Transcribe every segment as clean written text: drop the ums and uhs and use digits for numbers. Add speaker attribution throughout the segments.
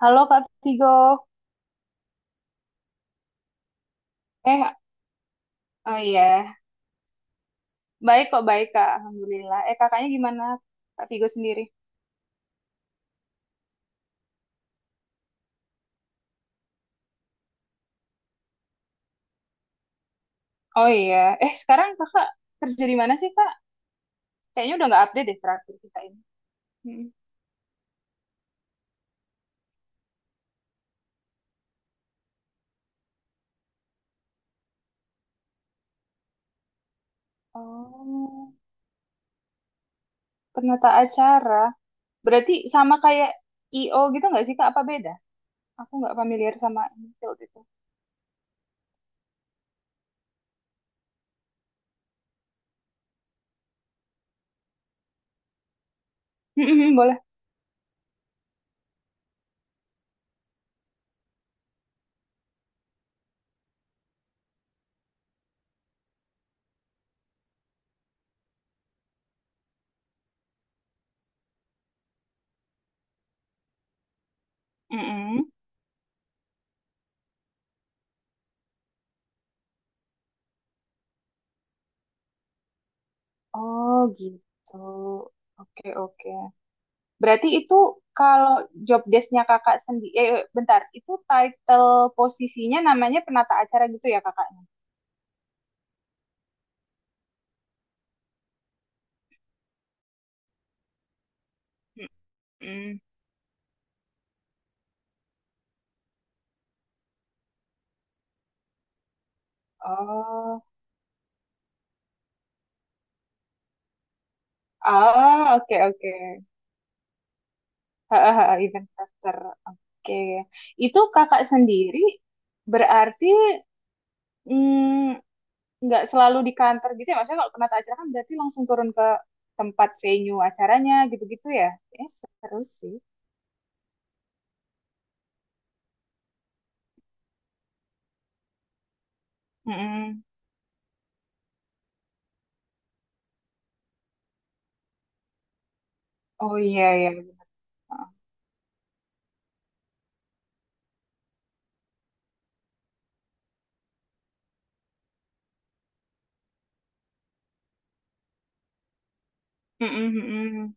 Speaker 1: Halo Kak Tigo. Eh, oh iya. Baik kok, baik Kak. Alhamdulillah. Kakaknya gimana? Kak Tigo sendiri. Oh iya. Sekarang kakak kerja di mana sih, Kak? Kayaknya udah nggak update deh terakhir kita ini. Mm-mm. Oh, penata acara. Berarti sama kayak IO gitu nggak sih, Kak? Apa beda? Aku nggak familiar sama ini field itu. Mm-mm, boleh. Mm-mm. Oh, gitu. Oke, oke. Berarti itu kalau job desk-nya kakak sendiri, eh bentar, itu title posisinya namanya penata acara gitu ya kakaknya? Mm-mm. Oh, ah, oke oke. Hahaha, event caster. Oke. Itu kakak sendiri berarti mm, nggak selalu di kantor gitu ya? Maksudnya kalau penata acara kan berarti langsung turun ke tempat venue acaranya gitu-gitu ya? Seru sih. Mm-mm. Oh iya iya. Benar. Mm-mm, mm-mm.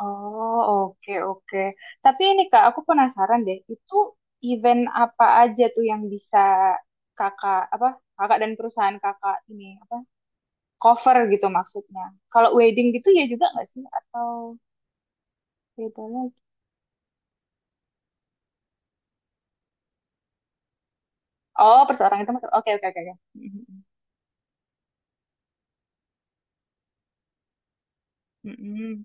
Speaker 1: Oh, oke, oke. Tapi ini Kak, aku penasaran deh, itu event apa aja tuh yang bisa kakak, apa, kakak dan perusahaan kakak ini, apa, cover gitu maksudnya. Kalau wedding gitu ya juga nggak sih? Atau beda lagi? Oh, perseorangan itu maksud, oke, oke, oke. Oke. Mm-mm. Mm-mm.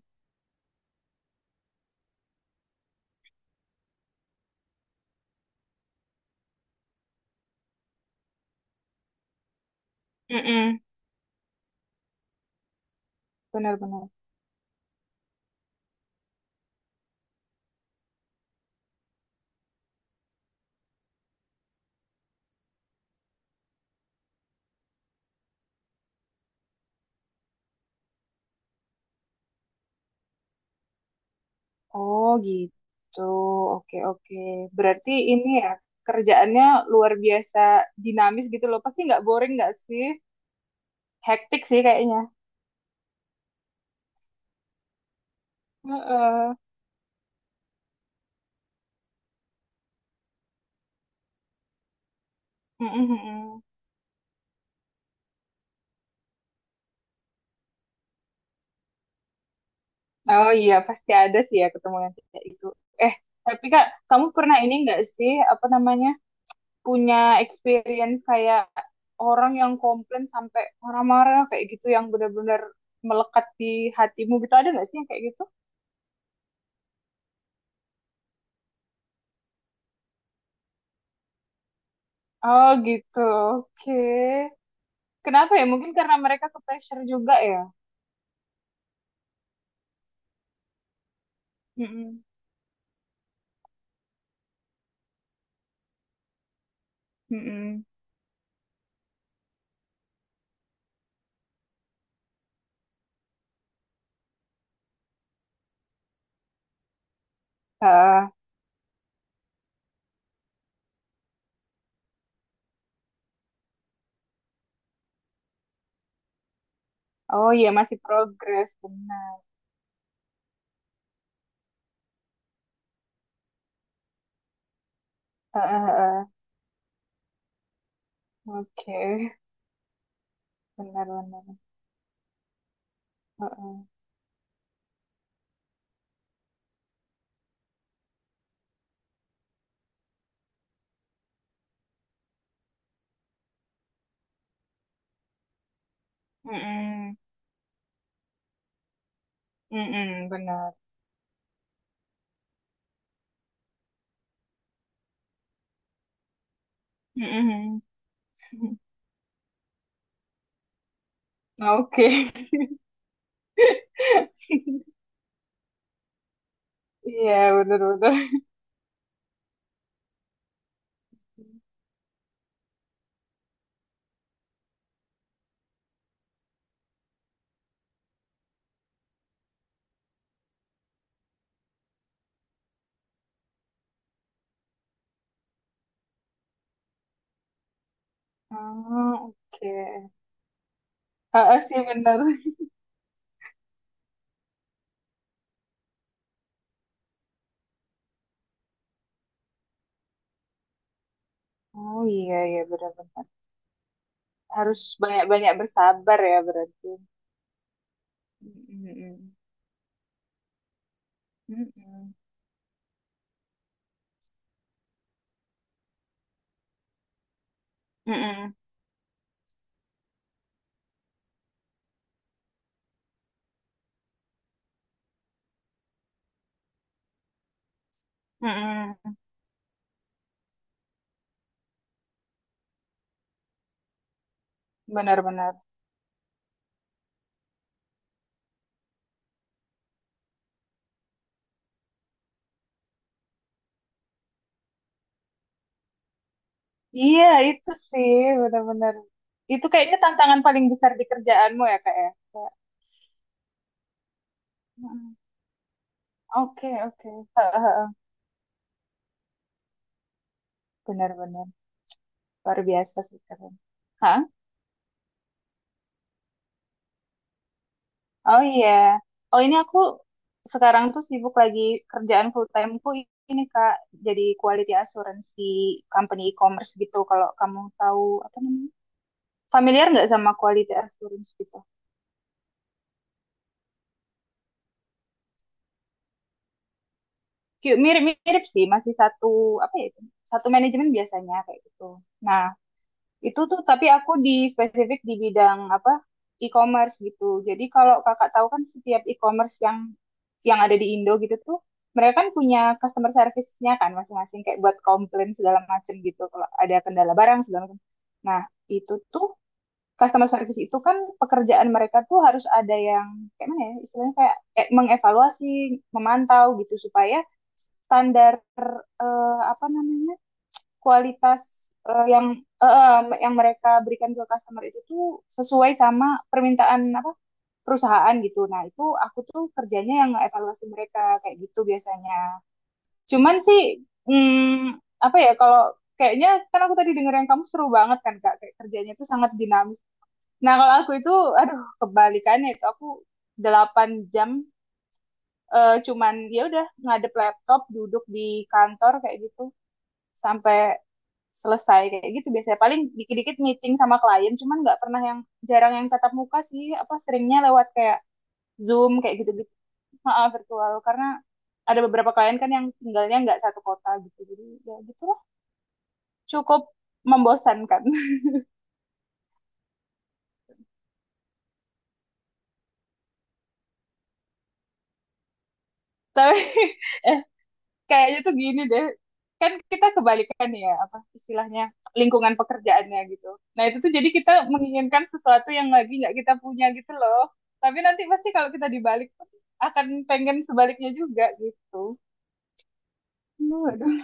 Speaker 1: Mm-mm. Benar-benar. Oh, gitu. Oke, oke. Berarti ini ya, kerjaannya luar biasa dinamis gitu loh. Pasti nggak boring nggak sih? Hektik sih kayaknya. Heeh. Mm, mm, mm. Oh iya, pasti ada sih ya ketemu yang kayak itu. Eh, tapi Kak, kamu pernah ini nggak sih, apa namanya, punya experience kayak orang yang komplain sampai marah-marah kayak gitu, yang benar-benar melekat di hatimu gitu, ada nggak sih yang kayak gitu? Oh gitu, oke. Kenapa ya? Mungkin karena mereka ke pressure juga ya. Mm-mm. Mm-mm. Ah, oh iya, masih progres, benar. Ah, ah, ah. Oke, benar-benar. Mm-mm. Mm-mm, benar. Mm-mm. Oke. Iya, benar-benar. Oh, oke. Ah, sih benar. Oh iya iya benar-benar. Harus banyak-banyak bersabar ya berarti. Mm-mm. Mm-mm. Mm-mm. Mm-mm. Benar-benar. Iya, itu sih benar-benar. Itu kayaknya tantangan paling besar di kerjaanmu ya, Kak ya. Kayak, mm, oke, oke. Heeh, heeh. Benar-benar. Luar biasa sih keren. Hah? Oh iya. Oh ini aku sekarang tuh sibuk lagi kerjaan full timeku ini Kak, jadi quality assurance di company e-commerce gitu. Kalau kamu tahu apa namanya? Familiar nggak sama quality assurance gitu? Mirip-mirip sih, masih satu apa ya itu? Satu manajemen biasanya kayak gitu. Nah, itu tuh tapi aku di spesifik di bidang apa? E-commerce gitu. Jadi kalau kakak tahu kan setiap e-commerce yang ada di Indo gitu tuh mereka kan punya customer service-nya kan masing-masing kayak buat komplain segala macam gitu kalau ada kendala barang segala macam. Nah, itu tuh customer service itu kan pekerjaan mereka tuh harus ada yang kayak mana ya istilahnya kayak mengevaluasi, memantau gitu supaya standar apa namanya kualitas eh, yang eh, yang mereka berikan ke customer itu tuh sesuai sama permintaan apa perusahaan gitu. Nah, itu aku tuh kerjanya yang evaluasi mereka kayak gitu biasanya. Cuman sih hmm, apa ya kalau kayaknya kan aku tadi denger yang kamu seru banget kan Kak, kayak kerjanya itu sangat dinamis. Nah, kalau aku itu aduh kebalikannya itu aku 8 jam cuman ya udah ngadep laptop, duduk di kantor kayak gitu sampai selesai kayak gitu biasanya paling dikit-dikit meeting sama klien cuman nggak pernah yang jarang yang tatap muka sih apa seringnya lewat kayak zoom kayak gitu gitu, maaf, virtual karena ada beberapa klien kan yang tinggalnya nggak satu kota gitu jadi ya gitu lah cukup membosankan. Tapi eh kayaknya tuh gini deh, kan kita kebalikan ya apa istilahnya lingkungan pekerjaannya gitu, nah itu tuh jadi kita menginginkan sesuatu yang lagi nggak kita punya gitu loh, tapi nanti pasti kalau kita dibalik pun akan pengen sebaliknya juga gitu. Waduh.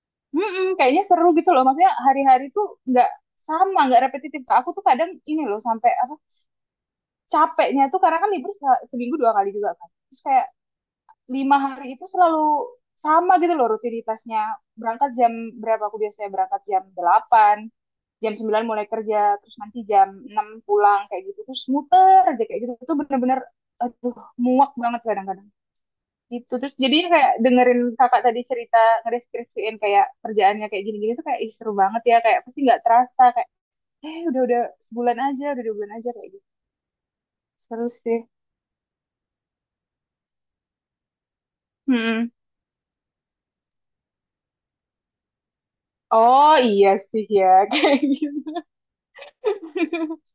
Speaker 1: Mm-mm, kayaknya seru gitu loh maksudnya hari-hari tuh nggak sama, nggak repetitif, aku tuh kadang ini loh sampai apa capeknya tuh karena kan libur seminggu 2 kali juga kan terus kayak 5 hari itu selalu sama gitu loh rutinitasnya. Berangkat jam berapa, aku biasanya berangkat jam 8, jam 9 mulai kerja, terus nanti jam 6 pulang kayak gitu. Terus muter aja kayak gitu. Itu bener-bener aduh muak banget kadang-kadang. Gitu. Terus jadi kayak dengerin kakak tadi cerita ngedeskripsiin kayak kerjaannya kayak gini-gini tuh kayak, "Ih, seru banget ya. Kayak pasti nggak terasa kayak eh udah-udah sebulan aja, udah 2 bulan aja kayak gitu." Seru sih. Mm. Oh iya sih ya kayak gitu.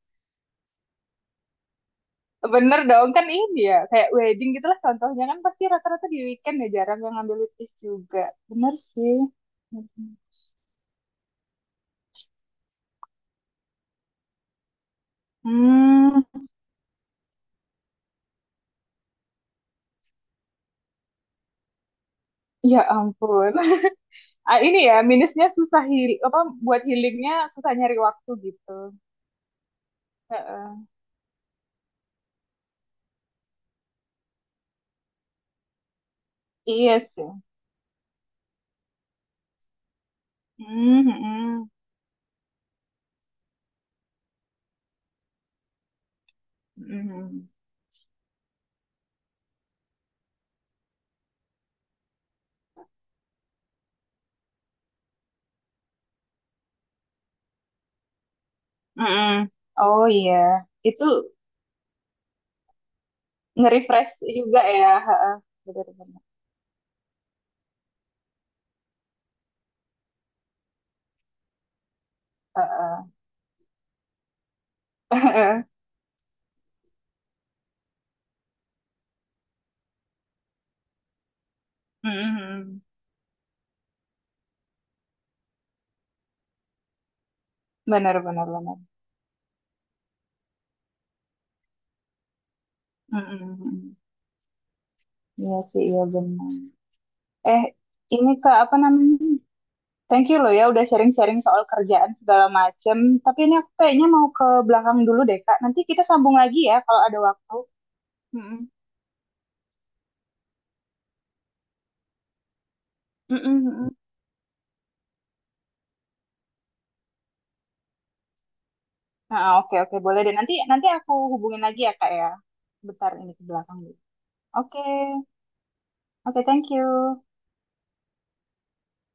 Speaker 1: Bener dong, kan ini ya, kayak wedding gitu lah contohnya kan pasti rata-rata di weekend ya, jarang yang ngambil weekdays juga. Bener sih. Hmm, ya ampun. Ah, ini ya, minusnya susah heal, apa, buat healingnya susah nyari waktu gitu. Heeh. Iya sih. Hmm, hmm, hmm, hmm, hmm. Oh iya, itu nge-refresh juga ya. Heeh. Bener-bener. Heeh. Hmm, hmm, hmm. Bener, bener, bener. Hmm, hmm, hmm. Hmm. Iya sih, iya benar. Eh, ini Kak, apa namanya? Thank you loh ya udah sharing-sharing soal kerjaan segala macem. Tapi ini aku kayaknya mau ke belakang dulu deh Kak. Nanti kita sambung lagi ya kalau ada waktu. Mm-mm. Mm-mm, mm-mm. Nah, oke oke boleh deh. Nanti nanti aku hubungin lagi ya Kak ya. Bentar ini ke belakang dulu. Oke, oke thank you.